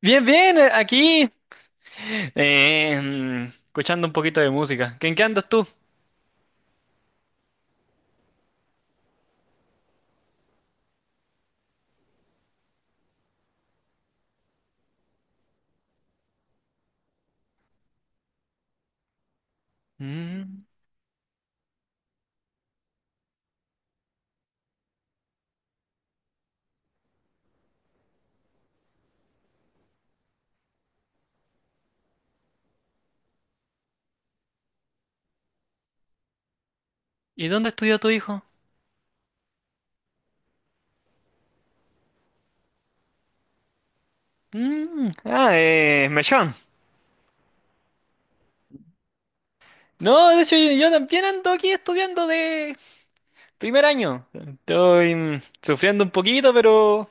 Bien, bien, aquí. Escuchando un poquito de música. ¿En qué andas tú? Mm, ¿Y dónde estudió tu hijo? Mechón. No, de hecho, yo también ando aquí estudiando de primer año. Estoy sufriendo un poquito, pero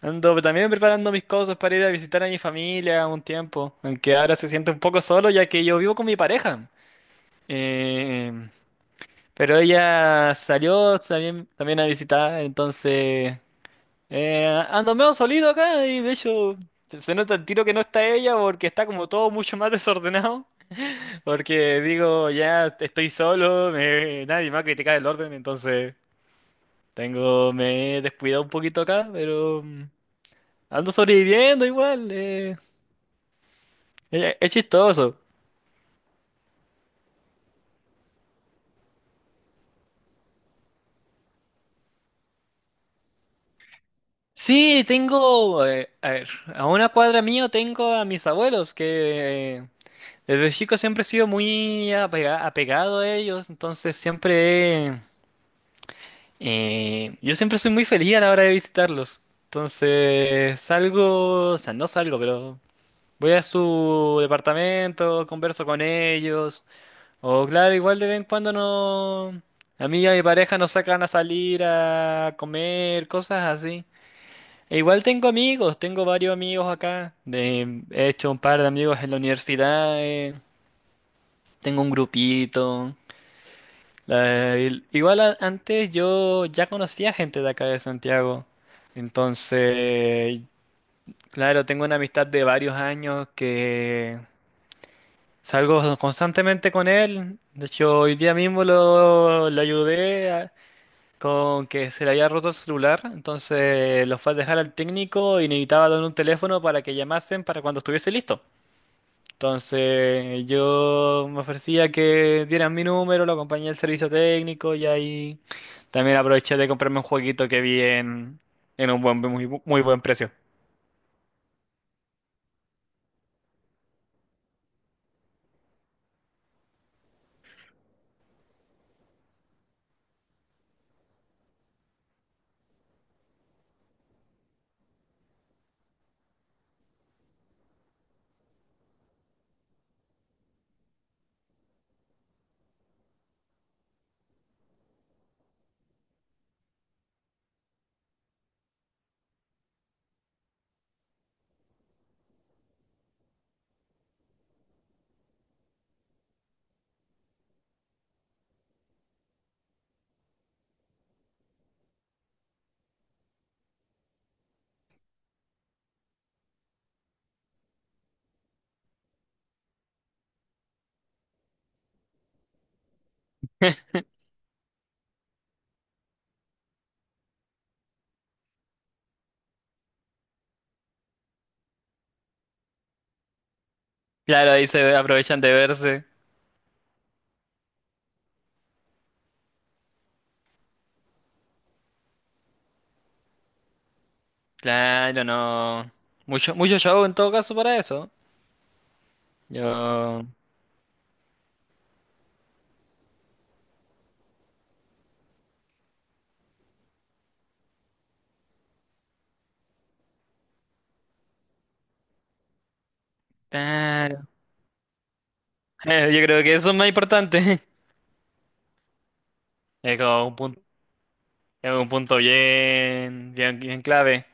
ando también preparando mis cosas para ir a visitar a mi familia un tiempo. Aunque ahora se siente un poco solo, ya que yo vivo con mi pareja. Eh, pero ella salió también, también a visitar, entonces. Ando medio solido acá y de hecho se nota el tiro que no está ella porque está como todo mucho más desordenado. Porque digo, ya estoy solo, nadie me va a criticar el orden, entonces tengo, me he descuidado un poquito acá, pero ando sobreviviendo igual. Es chistoso. Sí, tengo, a ver, a una cuadra mío tengo a mis abuelos que. Desde chico siempre he sido apegado a ellos, entonces siempre. Yo siempre soy muy feliz a la hora de visitarlos. Entonces, salgo, o sea, no salgo, pero voy a su departamento, converso con ellos. O claro, igual de vez en cuando no... A mí y a mi pareja nos sacan a salir a comer, cosas así. E igual tengo amigos, tengo varios amigos acá. De, he hecho un par de amigos en la universidad. Tengo un grupito. Antes yo ya conocía gente de acá de Santiago. Entonces, claro, tengo una amistad de varios años que salgo constantemente con él. De hecho, hoy día mismo lo ayudé con que se le había roto el celular. Entonces, lo fue a dejar al técnico y necesitaba dar un teléfono para que llamasen para cuando estuviese listo. Entonces yo me ofrecía que dieran mi número, lo acompañé al servicio técnico y ahí también aproveché de comprarme un jueguito que vi en un buen, muy, muy buen precio. Claro, ahí se aprovechan de verse. Claro, no. Mucho, mucho show en todo caso para eso. Yo. Claro. Yo creo que eso es más importante. Es como un punto, es un punto bien, bien, bien clave.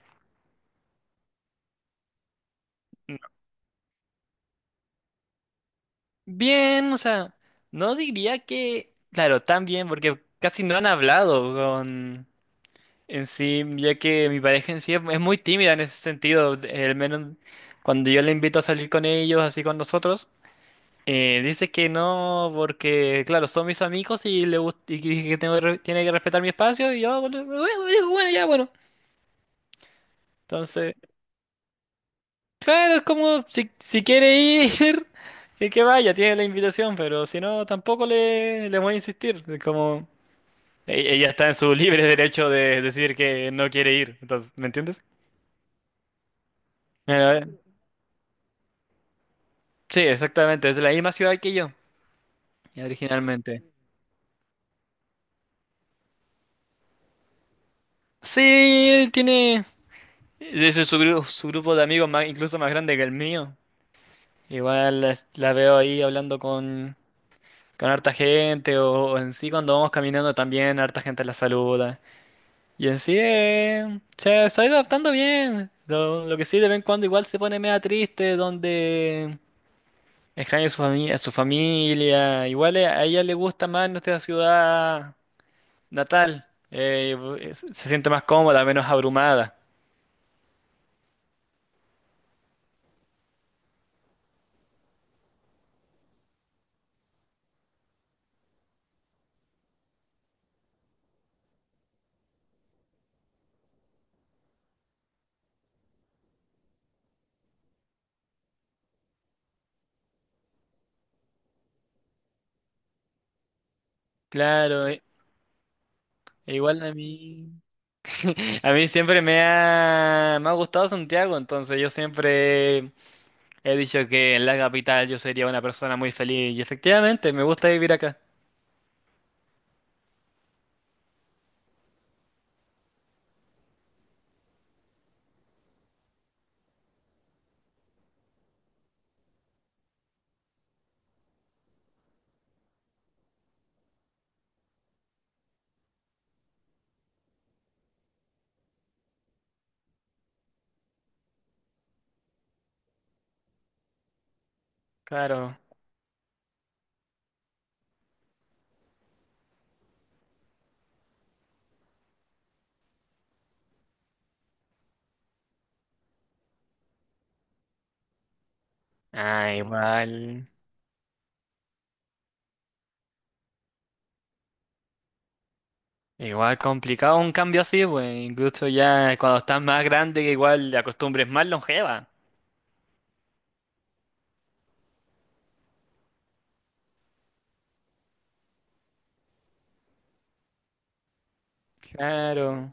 Bien, o sea, no diría que, claro, tan bien, porque casi no han hablado con en sí, ya que mi pareja en sí es muy tímida en ese sentido, al menos cuando yo le invito a salir con ellos, así con nosotros, dice que no, porque, claro, son mis amigos y le gusta, y que dije que tengo tiene que respetar mi espacio, y yo, "Ah, bueno, bueno, bueno, ya, bueno. Entonces. Claro, es como si quiere ir, que vaya, tiene la invitación, pero si no, tampoco le voy a insistir. Es como ella está en su libre derecho de decir que no quiere ir. Entonces, ¿me entiendes? Mira, sí, exactamente, es de la misma ciudad que yo, originalmente. Sí, tiene ese su grupo de amigos más, incluso más grande que el mío. Veo ahí hablando con harta gente o en sí cuando vamos caminando también harta gente la saluda. Y en sí, se está adaptando bien. Lo que sí, de vez en cuando igual se pone media triste, donde extraña a su familia, su familia. Igual a ella le gusta más nuestra ciudad natal. Se siente más cómoda, menos abrumada. Claro, e igual a mí. A mí me ha gustado Santiago, entonces yo siempre he dicho que en la capital yo sería una persona muy feliz y efectivamente me gusta vivir acá. Claro. Ah, igual. Igual complicado un cambio así, pues. Incluso ya cuando estás más grande, que igual la costumbre es más longeva. Claro,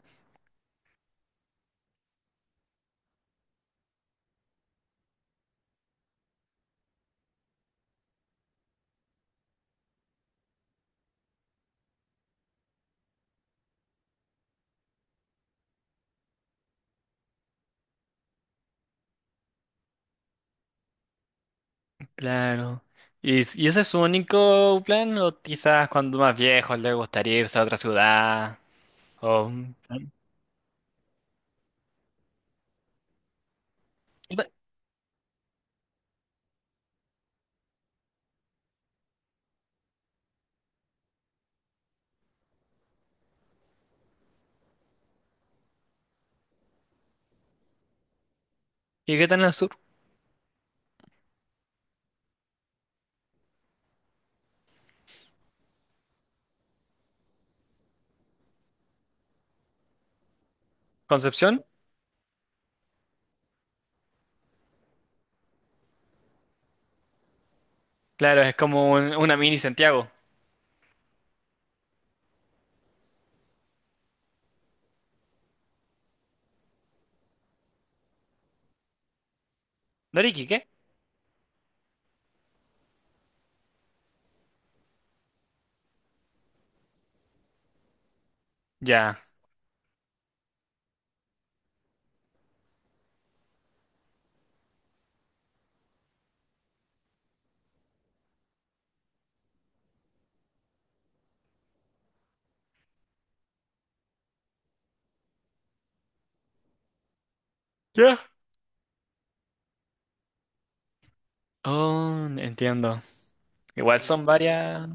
claro. ¿Y, y ese es su único plan? ¿O quizás cuando más viejo le gustaría irse a otra ciudad? ¿O... ¿Y y qué tal en el sur? ¿Concepción? Claro, es como una mini Santiago. ¿Noriki, qué? Ya. ¿Ya? Oh, entiendo. Igual son varias.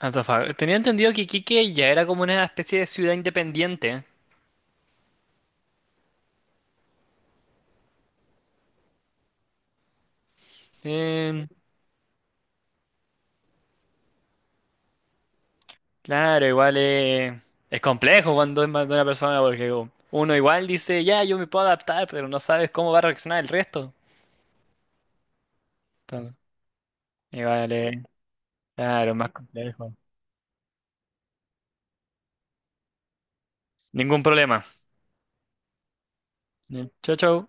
Antofagasta. Tenía entendido que Iquique ya era como una especie de ciudad independiente. Em, claro, igual es complejo cuando es más de una persona porque como, uno igual dice, ya, yo me puedo adaptar, pero no sabes cómo va a reaccionar el resto. Entonces, igual, claro, más complejo. Ningún problema. Chau, chau.